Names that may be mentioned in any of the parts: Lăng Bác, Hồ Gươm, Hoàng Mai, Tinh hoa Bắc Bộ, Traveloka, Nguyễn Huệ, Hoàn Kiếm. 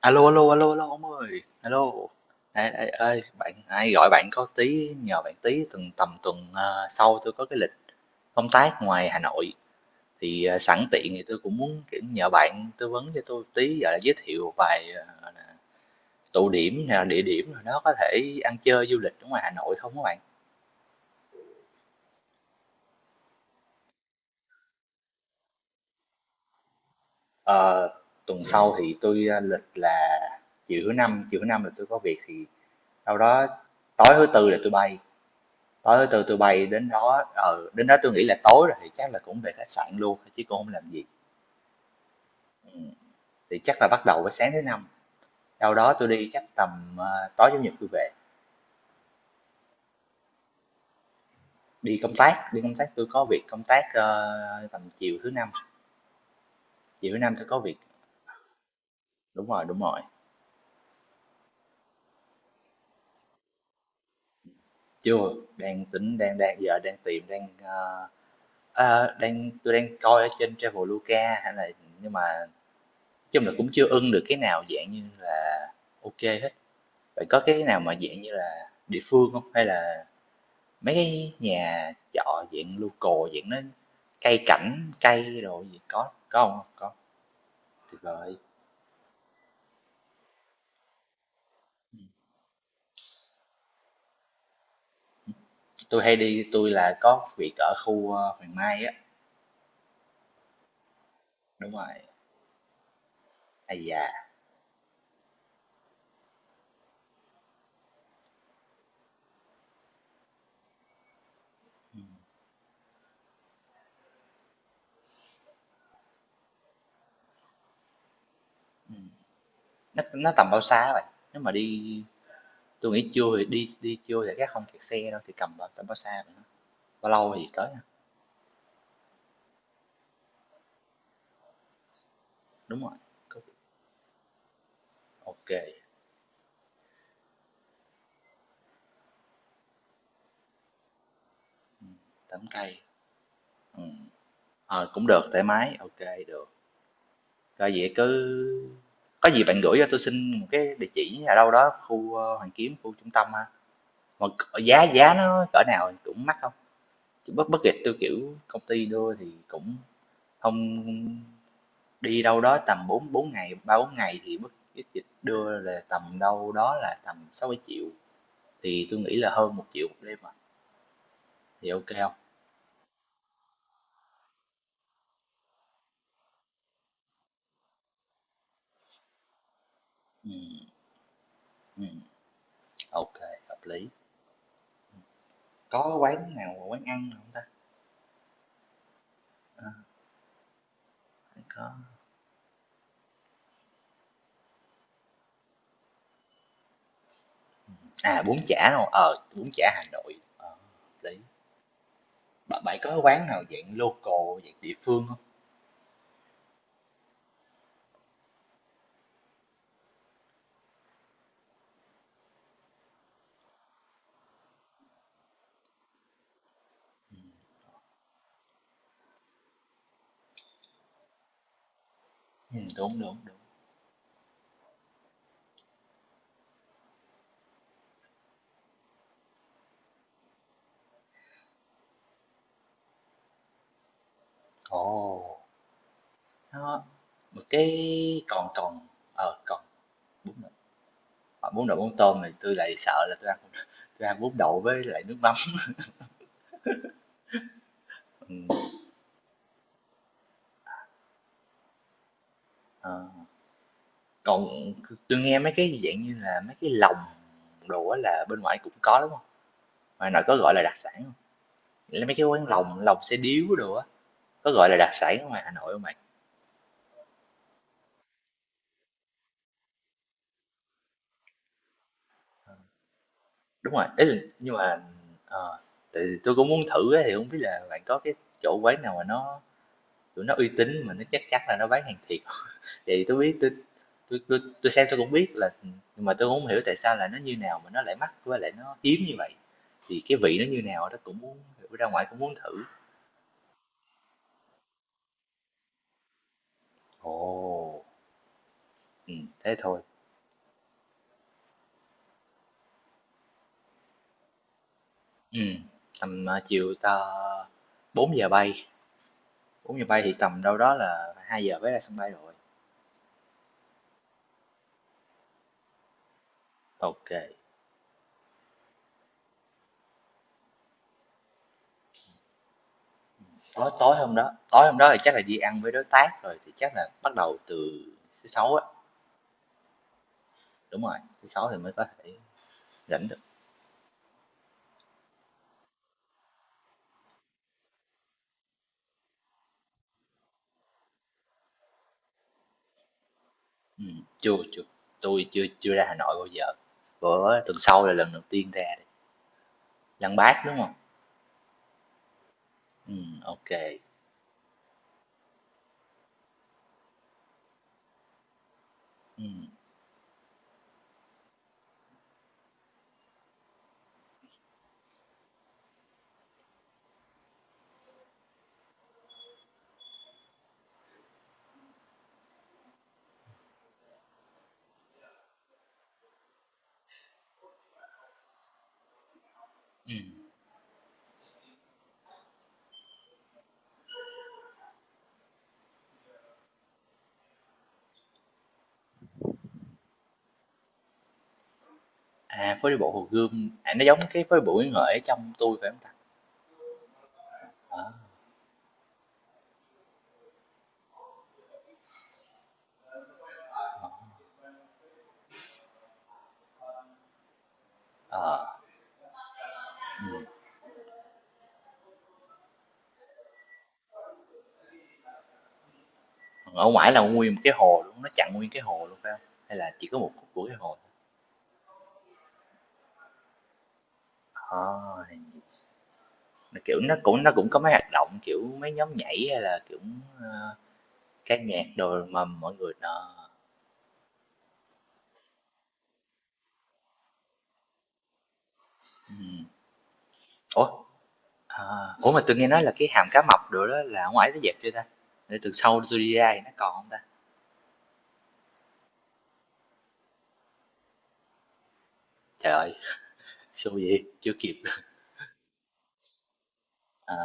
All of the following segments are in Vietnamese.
Alo, alo, alo, alo, ông ơi, alo. Ê, ê, ê, bạn ai gọi bạn có tí nhờ bạn tí tuần tầm tuần sau tôi có cái lịch công tác ngoài Hà Nội thì sẵn tiện thì tôi cũng muốn kiểu nhờ bạn tư vấn cho tôi tí gọi là giới thiệu vài tụ điểm hay là địa điểm nào đó có thể ăn chơi du lịch ở ngoài Hà Nội không các bạn? Ờ, tuần sau thì tôi lịch là chiều thứ năm là tôi có việc thì đâu đó tối thứ tư là tôi bay. Tối từ từ bay đến đó, ừ, đến đó tôi nghĩ là tối rồi thì chắc là cũng về khách sạn luôn, chứ cũng không làm gì. Ừm, thì chắc là bắt đầu với sáng thứ Năm, sau đó tôi đi chắc tầm, tối Chủ nhật tôi về. Đi công tác, đi công tác, tôi có việc công tác, tầm chiều thứ Năm tôi có việc. Đúng rồi, đúng rồi. Chưa, đang tính đang đang giờ đang tìm, đang, ơ, ơ, đang, tôi đang coi ở trên Traveloka hay là, nhưng mà nói chung là cũng chưa ưng được cái nào dạng như là ok hết. Vậy có cái nào mà dạng như là địa phương không? Hay là mấy cái nhà trọ dạng local, dạng nó cây cảnh, cây đồ gì có không? Có, tuyệt vời. Ừm, tui hay đi tôi là có việc ở khu, Hoàng Mai á, đúng rồi. Ây da, ừm, ừm, nó tầm bao xa vậy? Nếu mà đi, tôi nghĩ trưa thì đi đi trưa thì chắc không kẹt xe đâu, thì tầm bao xa vậy ha? Bao lâu thì tới ha? Đúng rồi, có. Ô kê, ừm, tắm cây, ừm, ờ, cũng được, thoải mái, ok, được. Rồi vậy cứ có gì bạn gửi cho tôi xin một cái địa chỉ ở đâu đó khu, Hoàn Kiếm, khu trung tâm ha. Mà giá giá nó cỡ nào, cũng mắc không hông? Bất bất budget tôi kiểu công ty đưa thì cũng không, đi đâu đó tầm bốn bốn ngày, ba bốn ngày thì bất budget đưa là tầm đâu đó là tầm sáu 000 triệu thì tôi nghĩ là hơn một triệu 000 đêm à, thì ok không hông? Ừm, ừm, hợp lý. Có quán nào, quán ăn không ta? Ờ, hông có. À, bún chả, đúng. Ờ, bún chả Hà Nội, ờ, đấy. Bạn bạn có quán nào dạng local, dạng địa phương không? Đúng, đúng, đúng. Ồ, nó một cái, còn còn, ờ, còn bún đậu, ờ, bún đậu mắm tôm thì tôi lại sợ là tôi ăn không- tôi ăn bún đậu với lại nước mắm. Ừm, ờ, còn tôi nghe mấy cái dạng như là mấy cái lòng đồ á là bên ngoài cũng có, đúng không? Ngoài Hà Nội có gọi là đặc sản không? Nghĩa là mấy cái quán lòng, lòng xe điếu đồ á, có gọi là đặc sản ở ngoài Hà Nội không bạn? Đúng rồi, ý là nhưng mà, ờ, tại vì tôi cũng muốn thử á, thì không biết là bạn có cái chỗ quán nào mà nó tụi nó uy tín mà nó chắc chắn là nó bán hàng thiệt thì tôi biết tôi, tôi xem tôi cũng biết là nhưng mà tôi cũng không hiểu tại sao là nó như nào mà nó lại mắc với lại nó hiếm như vậy thì cái vị nó như nào đó cũng muốn ra ngoài cũng muốn thử. Ồ, ừ, thế thôi. Ừ. Tầm chiều ta 4 giờ bay, 4 giờ bay thì tầm đâu đó là 2 giờ mới ra sân bay rồi. Ok. Tối tối hôm đó thì chắc là đi ăn với đối tác rồi, thì chắc là bắt đầu từ thứ Sáu á, đúng rồi, thứ Sáu thì mới có thể rảnh được. Chưa, chưa, tôi chưa chưa ra Hà Nội bao giờ, bữa tuần sau là lần đầu tiên ra đây. Lăng Bác, đúng không? Ok kê, ừm. À, phố đi bộ Hồ Gươm, à, nó giống cái phố đi bộ Nguyễn Huệ ở trong Tôi phải không ta? Đó, ờ, ừm, còn ở ngoài là nguyên một cái hồ luôn, nó chặn nguyên cái hồ luôn phải không? Hay là chỉ có một khúc của cái hồ? À! Kiểu, nó cũng có mấy hoạt động, kiểu, mấy nhóm nhảy hay là, kiểu, ơ, ca nhạc đồ mà mọi người nó, ừm. Ủa, ờ, ủa mà tôi nghe nói là cái hàm cá mập đồ đó là ở ngoài nó dẹp chưa ta? Để từ sau tôi đi ra thì nó còn không ta? Trời ơi, xui vậy, chưa kịp. À,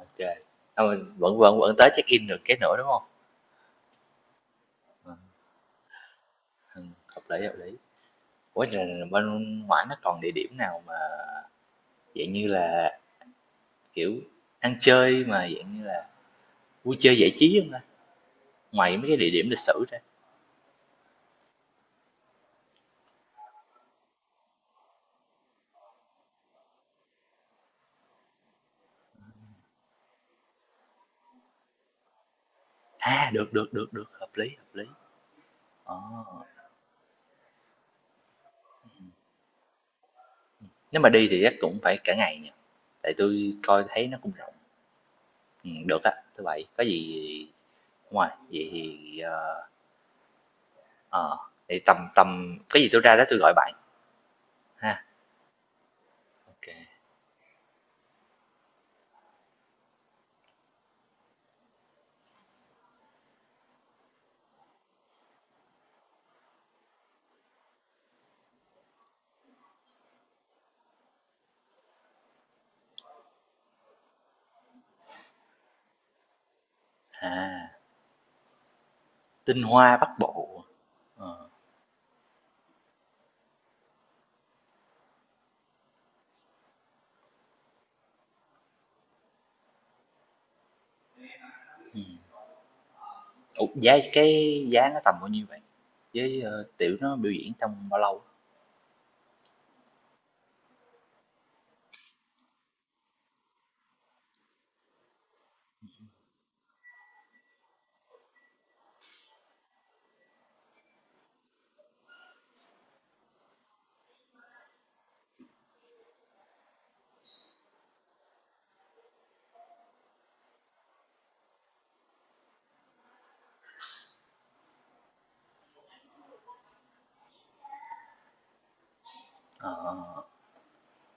ô kê. Ờ, vẫn vẫn vẫn tới check-in được cái nữa, đúng không? Ờ, hợp lý, hợp lý. Ủa, rồi bên ngoải nó còn địa điểm nào mà dạng như là, kiểu, ăn chơi mà dạng như là vui chơi giải trí không ta? Ngoài mấy cái địa điểm lịch sử ra. À, được, hợp lý, hợp lý. Ờ, nếu mà đi thì chắc cũng phải cả ngày nhỉ? Tại tôi coi thấy nó cũng rộng. Được á, thứ Bảy, có gì ngoài vậy thì, ờ, vậy tầm tầm cái gì tôi ra đó tôi gọi bạn ha. OK. À, tinh hoa Bắc Bộ, ờ, ừm. Ủa, cái giá nó tầm bao nhiêu vậy? Với, tiểu nó biểu diễn trong bao lâu? Ờ.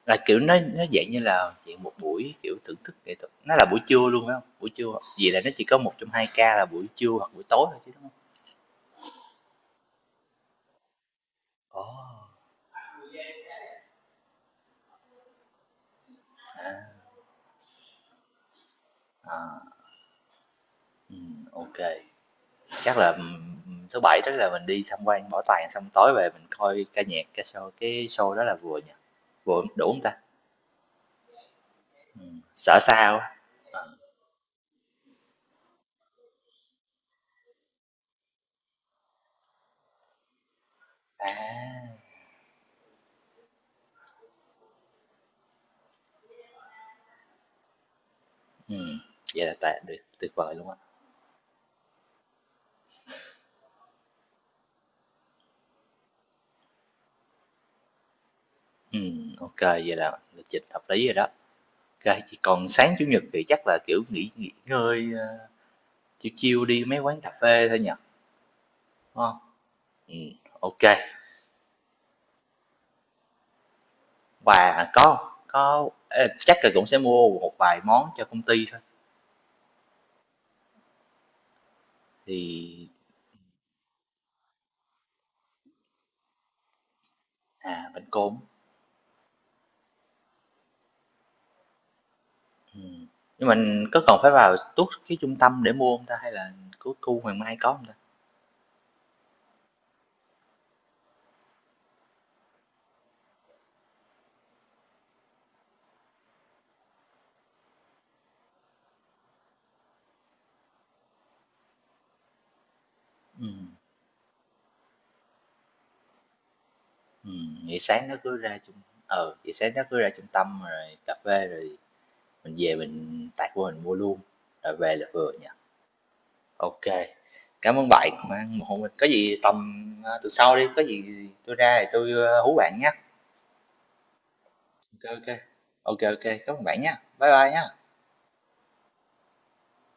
Là, kiểu, nó dạng như là dạng một buổi, kiểu, thưởng thức nghệ thuật, nó là buổi trưa luôn phải không? Buổi trưa hoặc là nó chỉ có một trong 2 ca là buổi trưa hoặc buổi tối thôi chứ, đúng hông? Ồ, à, à, ô. Chắc là, thứ Bảy tức là mình đi tham quan bảo tàng xong tối về mình coi ca nhạc, ca show, cái show đó là vừa nhỉ? Vừa đủ hông ta? Sợ sao á? Ờ, à, ừm, vậy là tà tuyệt tuyệt vời luôn á. Ô vậy là lịch trình hợp lý rồi đó. Kê, chỉ còn sáng Chủ nhật thì chắc là, kiểu, nghỉ nghỉ ngơi, ờ, Chill chiêu đi mấy quán cà phê thôi nhỉ, đúng hông? Ừm, ô. Và có ê, chắc là cũng sẽ mua một vài món cho công ty thôi, thì à, bánh cốm, ừm. Nhưng mình có cần phải vào tuốt cái trung tâm để mua không ta? Hay là cứ khu Hoàng Mai có không ta? Ừm, vậy sáng nó cứ ra trung, ờ vậy sáng nó cứ ra trung tâm rồi cà phê rồi mình về mình tạt vô mình mua luôn, rồi về là vừa nhỉ? OK, cảm ơn bạn ủng hộ mình. Có gì tầm, tuần sau đi, có gì tôi ra thì tôi hú bạn nhé. OK, OK. OK, OK, cảm ơn bạn nhé. Bye bye nhé.